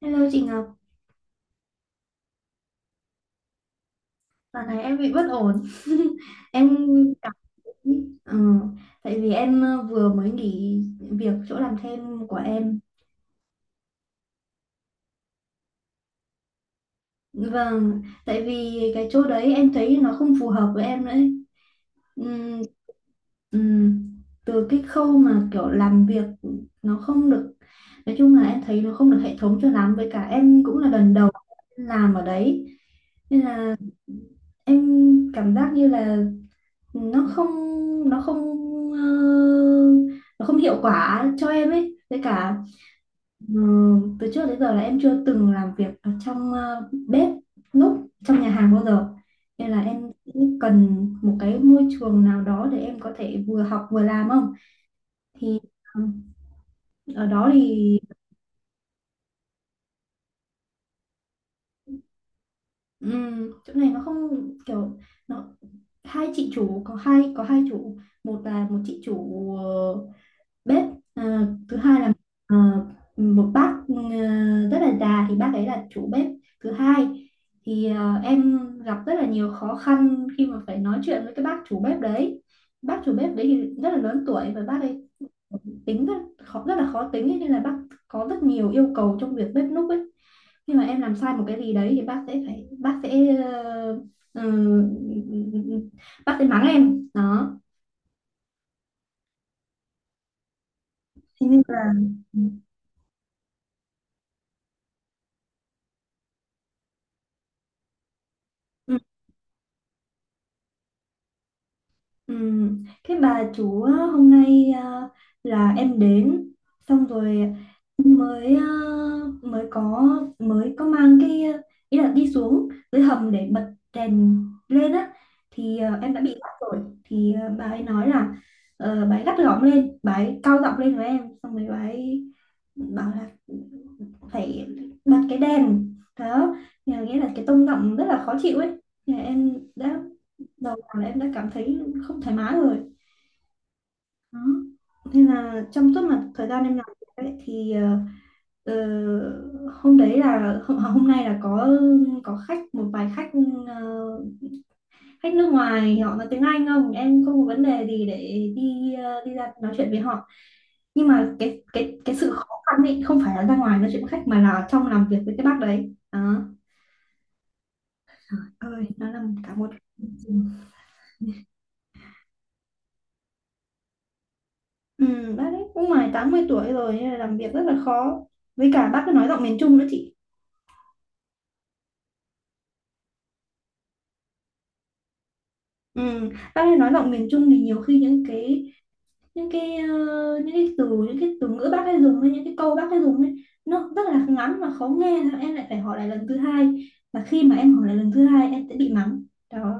Hello chị Ngọc, dạo này em bị bất ổn. Em cảm ờ, tại vì em vừa mới nghỉ việc chỗ làm thêm của em. Vâng, tại vì cái chỗ đấy em thấy nó không phù hợp với em nữa ấy. Ừm, ừm, Từ cái khâu mà kiểu làm việc nó không được, nói chung là em thấy nó không được hệ thống cho lắm. Với cả em cũng là lần đầu làm ở đấy, nên là em cảm giác như là nó không nó không ờ, nó không hiệu quả cho em ấy. Với cả ừ, từ trước đến giờ là em chưa từng làm việc ở trong bếp núc trong nhà hàng bao giờ, nên là em cũng cần một cái môi trường nào đó để em có thể vừa học vừa làm. Không thì ừ, ở đó thì chỗ này nó không kiểu nó hai chị chủ, có hai chủ. Một là một chị chủ bếp. Ờ, Thứ hai là ờ, một bác rất là già, thì bác ấy là chủ bếp thứ hai. Thì em gặp rất là nhiều khó khăn khi mà phải nói chuyện với cái bác chủ bếp đấy. Bác chủ bếp đấy thì rất là lớn tuổi và bác ấy tính rất rất là khó tính ấy, nên là bác có rất nhiều yêu cầu trong việc bếp núc ấy. Khi mà em làm sai một cái gì đấy thì bác sẽ phải bác sẽ ờ, ừ, ừ, ừ, ừ, bác sẽ mắng em đó. Thế nên là ừ. Ừ. Cái bà chủ á, hôm nay à, là em đến xong rồi mới à, mới có mới có mang cái ý là đi xuống dưới hầm để bật đèn lên á, thì à, em đã bị bắt rồi. Thì à, bà ấy nói là bà ấy gắt gỏng lên, bà ấy cao giọng lên với em, xong rồi bà ấy bảo là phải bật cái đèn đó. Nhà nghĩa là cái tông giọng rất là khó chịu ấy. Thì em đã đầu là em đã cảm thấy không thoải mái rồi đó. Nên là trong suốt mà thời gian em làm việc ấy, thì ờ, hôm đấy là hôm nay là có khách, một vài khách ờ, khách nước ngoài, họ nói tiếng Anh. Không, em không có vấn đề gì để đi đi ra nói chuyện với họ, nhưng mà cái sự khó khăn ấy không phải là ra ngoài nói chuyện với khách, mà là trong làm việc với cái bác đấy đó, ơi nó là cả một. Ừ, bác ấy cũng ngoài 80 tuổi rồi nên là làm việc rất là khó. Với cả bác ấy nói giọng miền Trung nữa chị. Ừ, bác ấy nói giọng miền Trung thì nhiều khi những cái từ ngữ bác ấy dùng, hay những cái câu bác ấy dùng ấy, nó rất là ngắn và khó nghe. Thế em lại phải hỏi lại lần thứ hai, và khi mà em hỏi lại lần thứ hai em sẽ bị mắng đó.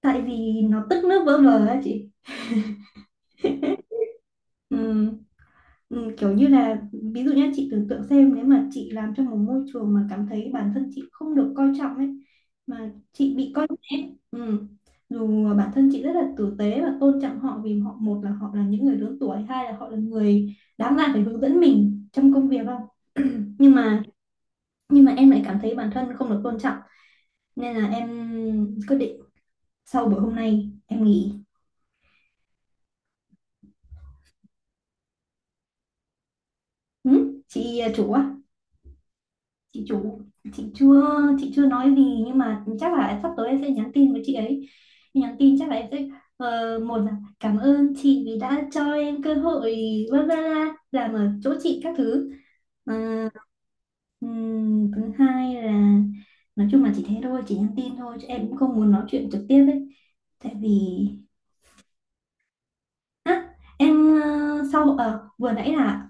Tại vì nó tức nước vỡ vờ á chị. Ừ. Ừ, kiểu như là ví dụ nhé, chị tưởng tượng xem nếu mà chị làm trong một môi trường mà cảm thấy bản thân chị không được coi trọng ấy, mà chị bị coi nhẹ, ừ, dù bản thân chị rất là tử tế và tôn trọng họ, vì họ, một là họ là những người lớn tuổi, hai là họ là người đáng ra phải hướng dẫn mình trong công việc. Không, nhưng mà em lại cảm thấy bản thân không được tôn trọng, nên là em quyết định sau buổi hôm nay em nghỉ. Ừ? Chị à, chủ á, chị chủ chị chưa chị chưa nói gì, nhưng mà chắc là sắp tới em sẽ nhắn tin với chị ấy. Nhắn tin chắc là em sẽ một là cảm ơn chị vì đã cho em cơ hội, bla bla bla, làm ở chỗ chị các thứ. Ờ, thứ hai là nói chung là chị thế thôi, chị nhắn tin thôi chứ em cũng không muốn nói chuyện trực tiếp ấy, tại vì á em ờ, sau ờ, vừa nãy là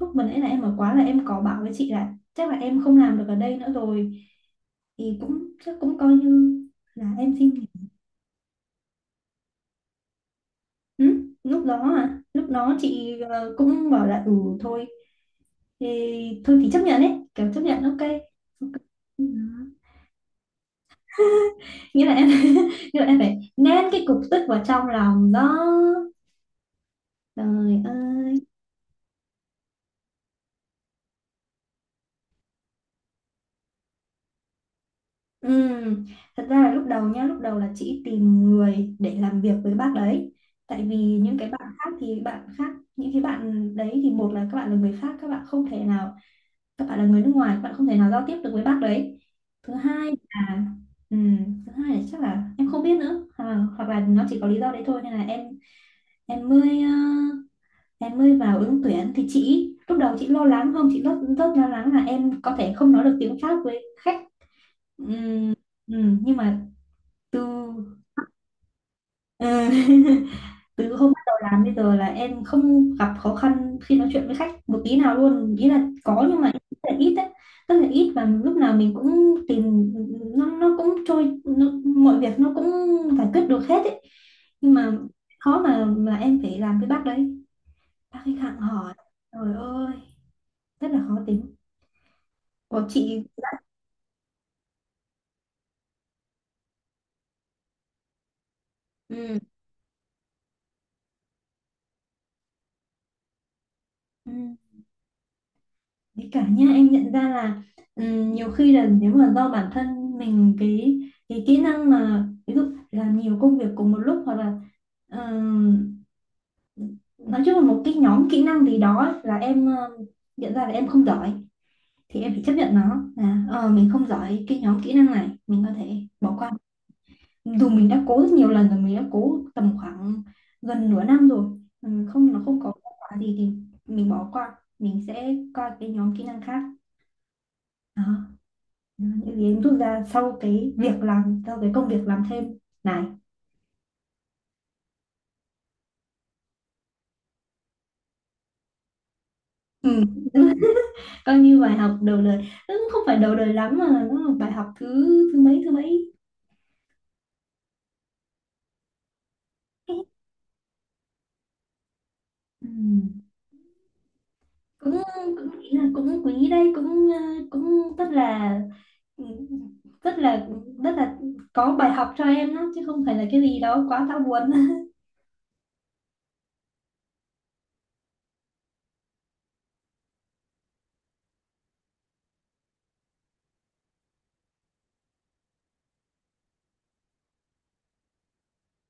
lúc vừa nãy là em ở quá là em có bảo với chị là chắc là em không làm được ở đây nữa rồi, thì cũng chắc cũng coi như là em xin nghỉ. Ừ? Lúc đó à, lúc đó chị cũng bảo là ừ, thôi thì thôi thì chấp nhận ấy, kiểu chấp nhận, ok. Ok. Ừ. Nghĩa là em nghĩa là em phải nén cái cục tức vào trong lòng đó, trời ơi. Ừm, thật ra là lúc đầu nhá, lúc đầu là chị tìm người để làm việc với bác đấy. Tại vì những cái bạn khác thì bạn khác, những cái bạn đấy thì một là các bạn là người pháp, các bạn không thể nào, các bạn là người nước ngoài, các bạn không thể nào giao tiếp được với bác đấy. Thứ hai là, thứ hai là chắc là em không biết nữa, à, hoặc là nó chỉ có lý do đấy thôi nên là em mới em mới vào ứng tuyển, thì chị lúc đầu chị lo lắng. Không, chị rất rất lo lắng là em có thể không nói được tiếng Pháp với khách. Ừm, nhưng mà từ Ờ, từ hôm bắt đầu làm bây giờ là em không gặp khó khăn khi nói chuyện với khách một tí nào luôn. Ý là có, nhưng mà rất là ít đấy, rất là ít, và lúc nào mình cũng tìm nó cũng trôi nó, mọi việc nó cũng giải quyết được hết ấy. Nhưng mà khó mà em phải làm với bác đấy, bác khách hàng hỏi, trời ơi, rất là khó tính của chị. Ừ. Ừ. Đấy cả nhá, em nhận ra là nhiều khi là nếu mà do bản thân mình, cái kỹ năng, mà ví dụ làm nhiều công việc cùng một lúc, hoặc là ừm, nói chung là một cái nhóm kỹ năng gì đó ấy, là em nhận ra là em không giỏi, thì em phải chấp nhận nó là ờ, mình không giỏi cái nhóm kỹ năng này, mình có thể bỏ qua, dù mình đã cố rất nhiều lần rồi, mình đã cố tầm khoảng gần nửa năm rồi. Ừ, không, nó không có kết quả gì thì mình bỏ qua, mình sẽ qua cái nhóm kỹ năng khác đó, những gì em rút ra sau cái việc làm, sau cái công việc làm thêm này. Ừ, coi như bài học đầu đời. Ừ, không phải đầu đời lắm mà nó là bài học thứ thứ mấy. Ừ. cũng Cũng nghĩ là cũng quý đây, cũng cũng rất là rất là có bài học cho em đó, chứ không phải là cái gì đó quá đau buồn.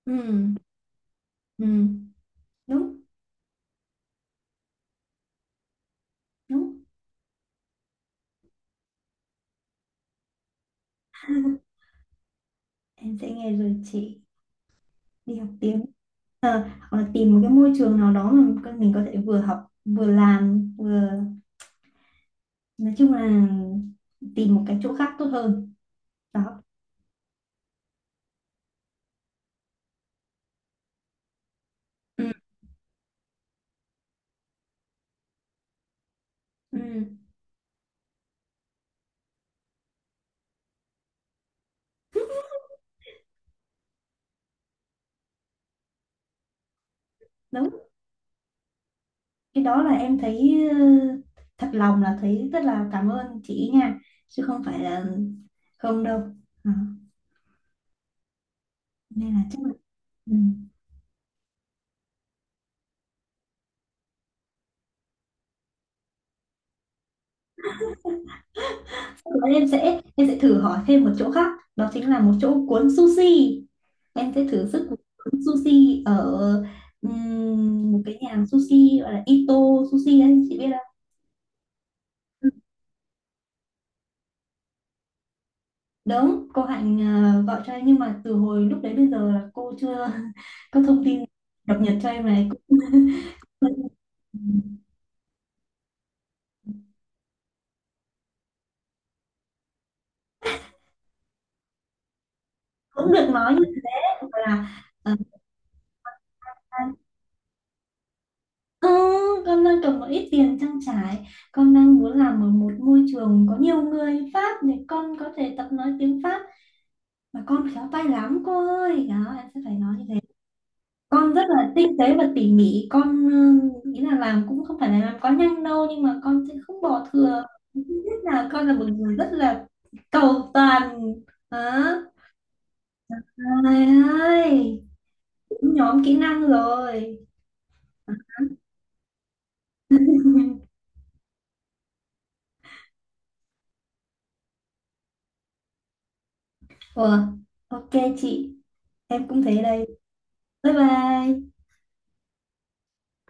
Ừ. Ừ. đúng Đúng. Em sẽ nghe lời chị đi học tiếng. Hoặc là tìm một cái môi trường nào đó mà mình có thể vừa học vừa làm, vừa nói chung là tìm một cái chỗ khác tốt hơn đó. Ừ, ừ, đúng. Cái đó là em thấy thật lòng là thấy rất là cảm ơn chị nha, chứ không phải là không đâu. Đó, nên là chắc là ừ. Em sẽ thử hỏi thêm một chỗ khác, đó chính là một chỗ cuốn sushi, em sẽ thử sức. Cuốn sushi ở một cái nhà hàng sushi gọi là Ito sushi đấy, chị biết không? Ừ. Đúng, cô Hạnh gọi cho em, nhưng mà từ hồi lúc đấy bây giờ là cô chưa có thông tin cập nhật cho em này. Cũng cũng được nói như thế là ờ, Ờ, con đang cần một ít tiền trang trải, con đang muốn làm ở một môi trường có nhiều người Pháp để con có thể tập nói tiếng Pháp, mà con khéo tay lắm cô ơi. Đó, em sẽ phải nói như thế. Con rất là tinh tế và tỉ mỉ, con ừ, ý là làm cũng không phải là làm quá nhanh đâu, nhưng mà con sẽ không bỏ thừa. Thứ nhất là con là một người rất là cầu toàn, hả? Trời ơi. Cũng nhóm kỹ năng rồi. Ủa, ok chị, em cũng thế đây. Bye bye.